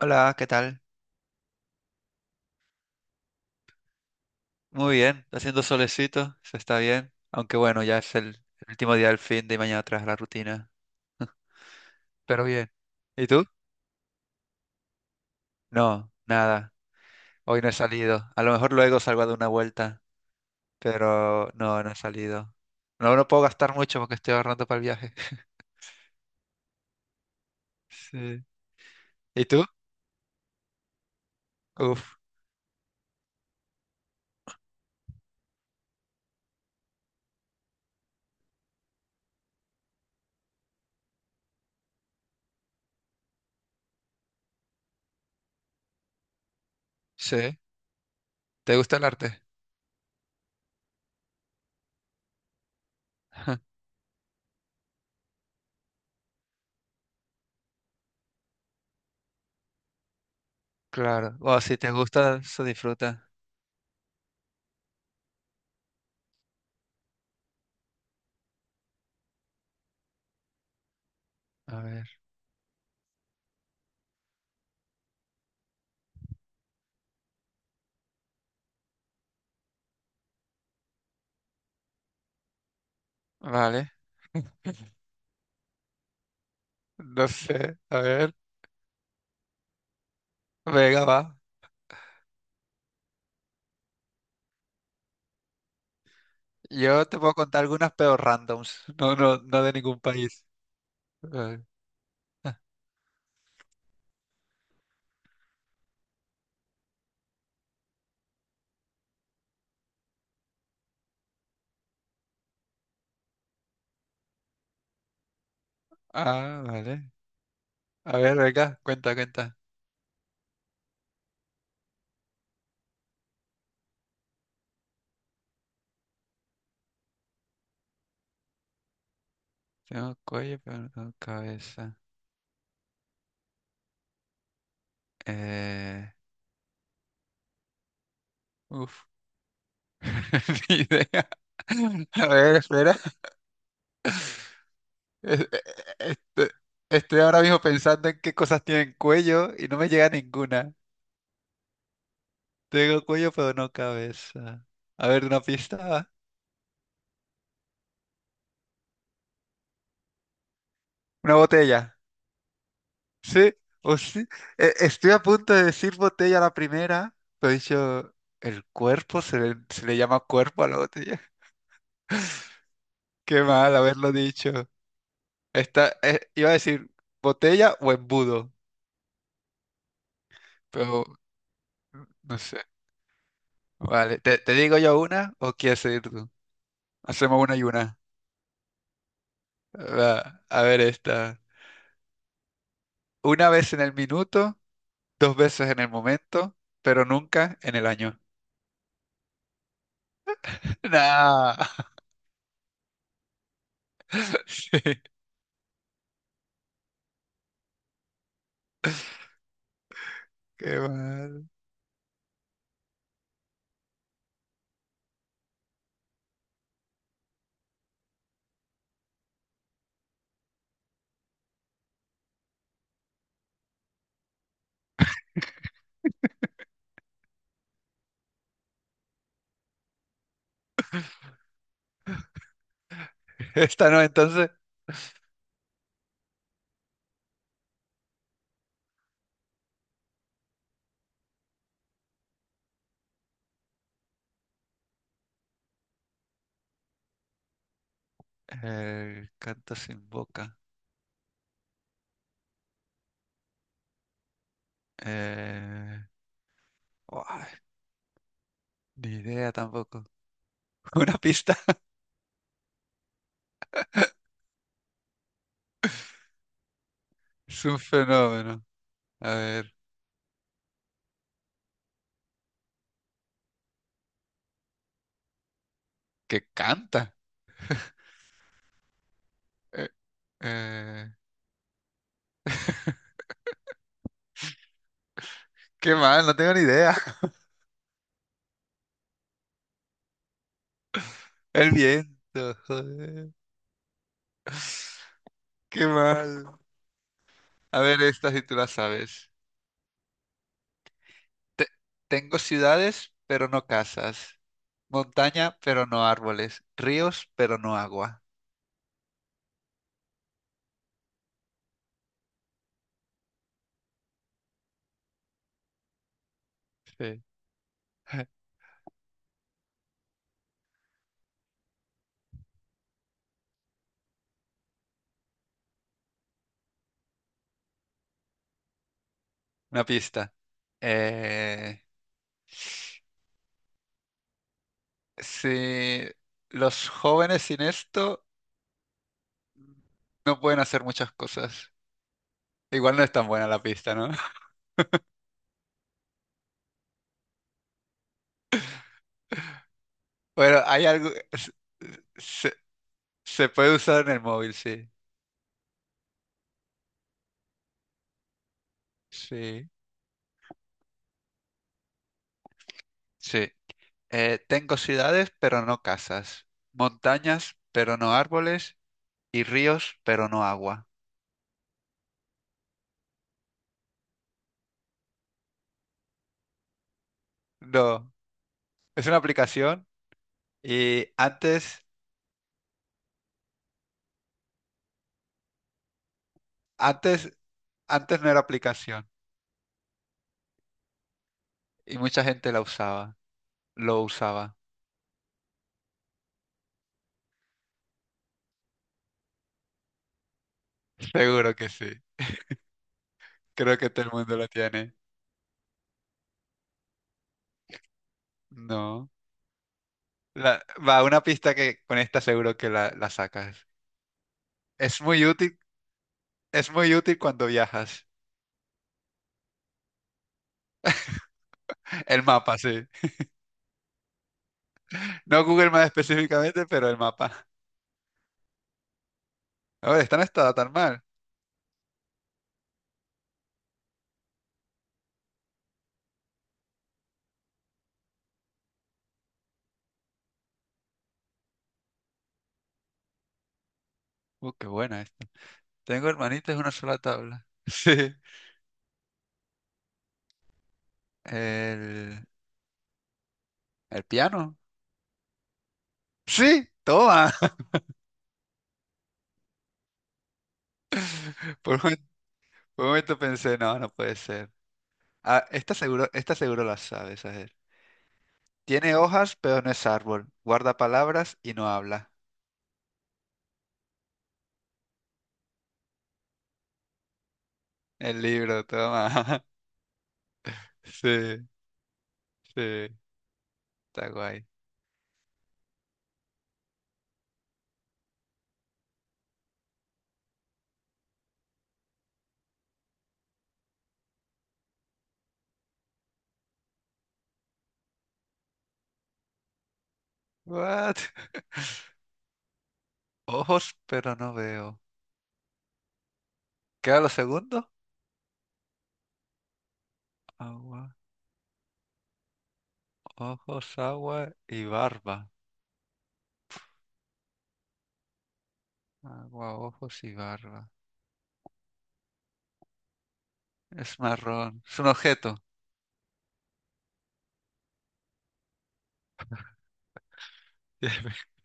Hola, ¿qué tal? Muy bien, está haciendo solecito, se está bien. Aunque bueno, ya es el último día del fin de y mañana tras la rutina. Pero bien. ¿Y tú? No, nada. Hoy no he salido. A lo mejor luego salgo a dar una vuelta, pero no he salido. No, no puedo gastar mucho porque estoy ahorrando para el viaje. Sí. ¿Y tú? Uf, sí. ¿Te gusta el arte? Claro. O si te gusta, se disfruta. A ver. Vale. No sé. A ver. Venga, va. Yo te puedo contar algunas pero randoms, no de ningún país. Vale. Ah, ah, vale. A ver, venga, cuenta, cuenta. Tengo cuello, pero no tengo cabeza. Eh, uf, ni idea. A ver, espera. Es- e- e- este- Estoy ahora mismo pensando en qué cosas tienen cuello y no me llega ninguna. Tengo cuello, pero no cabeza. A ver, una pista. Una botella. Sí, o sí. Estoy a punto de decir botella la primera, pero he dicho el cuerpo, se le llama cuerpo a la botella. Qué mal haberlo dicho. Esta, iba a decir botella o embudo, pero no sé. Vale, ¿te digo yo una o quieres seguir tú? Hacemos una y una. Va, a ver esta. Una vez en el minuto, dos veces en el momento, pero nunca en el año. Nah. Sí, qué mal. Esta no, entonces. Canto sin boca. Eh, uah, ni idea tampoco. Una pista. Es un fenómeno. A ver, que canta. Eh, eh, qué mal, no tengo ni idea. El viento, joder. Qué mal. A ver, esta si tú la sabes. Te- tengo ciudades, pero no casas. Montaña, pero no árboles. Ríos, pero no agua. Sí. Una pista. Eh, si los jóvenes sin esto no pueden hacer muchas cosas. Igual no es tan buena la pista, ¿no? Bueno, hay algo... Se, se puede usar en el móvil, sí. Sí, sí. Tengo ciudades, pero no casas. Montañas, pero no árboles. Y ríos, pero no agua. No, es una aplicación y antes, antes no era aplicación y mucha gente la usaba, lo usaba. Seguro que sí. Creo que todo el mundo lo tiene. No. Va una pista que con esta seguro que la sacas. Es muy útil, es muy útil cuando viajas. El mapa, sí. No Google Maps específicamente, pero el mapa. A ver, esta no está tan mal. Qué buena esta. Tengo hermanitas en una sola tabla. Sí. El, el piano. Sí, toma. Por un, momento por un momento pensé, no, no puede ser. Ah, esta seguro la sabes, a ver. Tiene hojas, pero no es árbol. Guarda palabras y no habla. El libro, toma. Sí, sí, está guay. What? Ojos, pero no veo. ¿Qué era lo segundo? Agua, ojos, agua y barba. Agua, ojos y barba. Es marrón. Es un objeto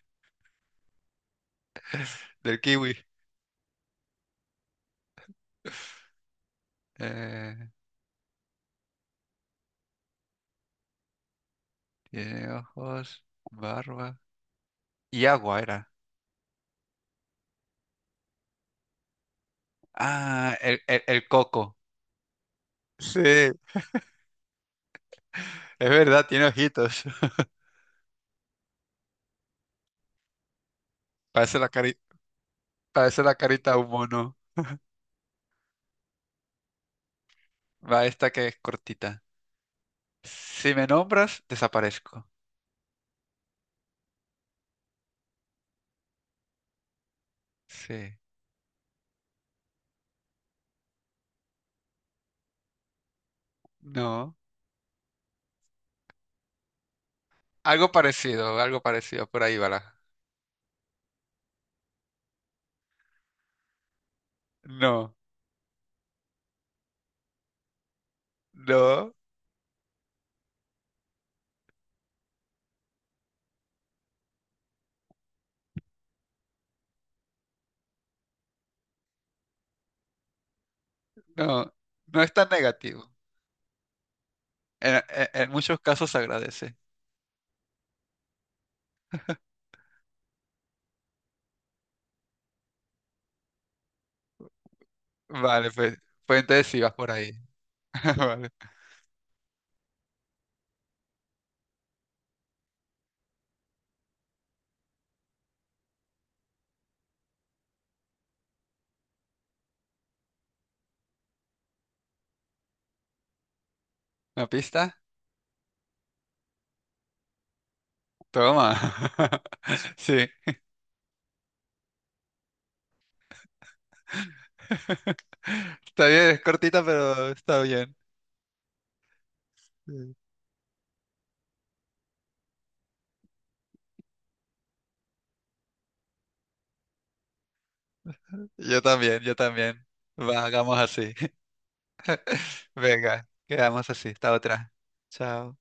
del kiwi. Eh, tiene ojos, barba y agua era. Ah, el coco. Sí, es verdad, tiene ojitos. Parece parece la carita de un mono. Va esta que es cortita. Si me nombras, desaparezco. Sí. No. Algo parecido, algo parecido. Por ahí va la. No, no, no. No es tan negativo. En, en- en muchos casos se agradece. Vale, pues entonces sí vas por ahí. Vale. ¿Una pista? Toma. Sí. Está bien, es cortita, pero está bien. Sí. Yo también, yo también. Va, hagamos así. Venga, quedamos así. Hasta otra. Chao.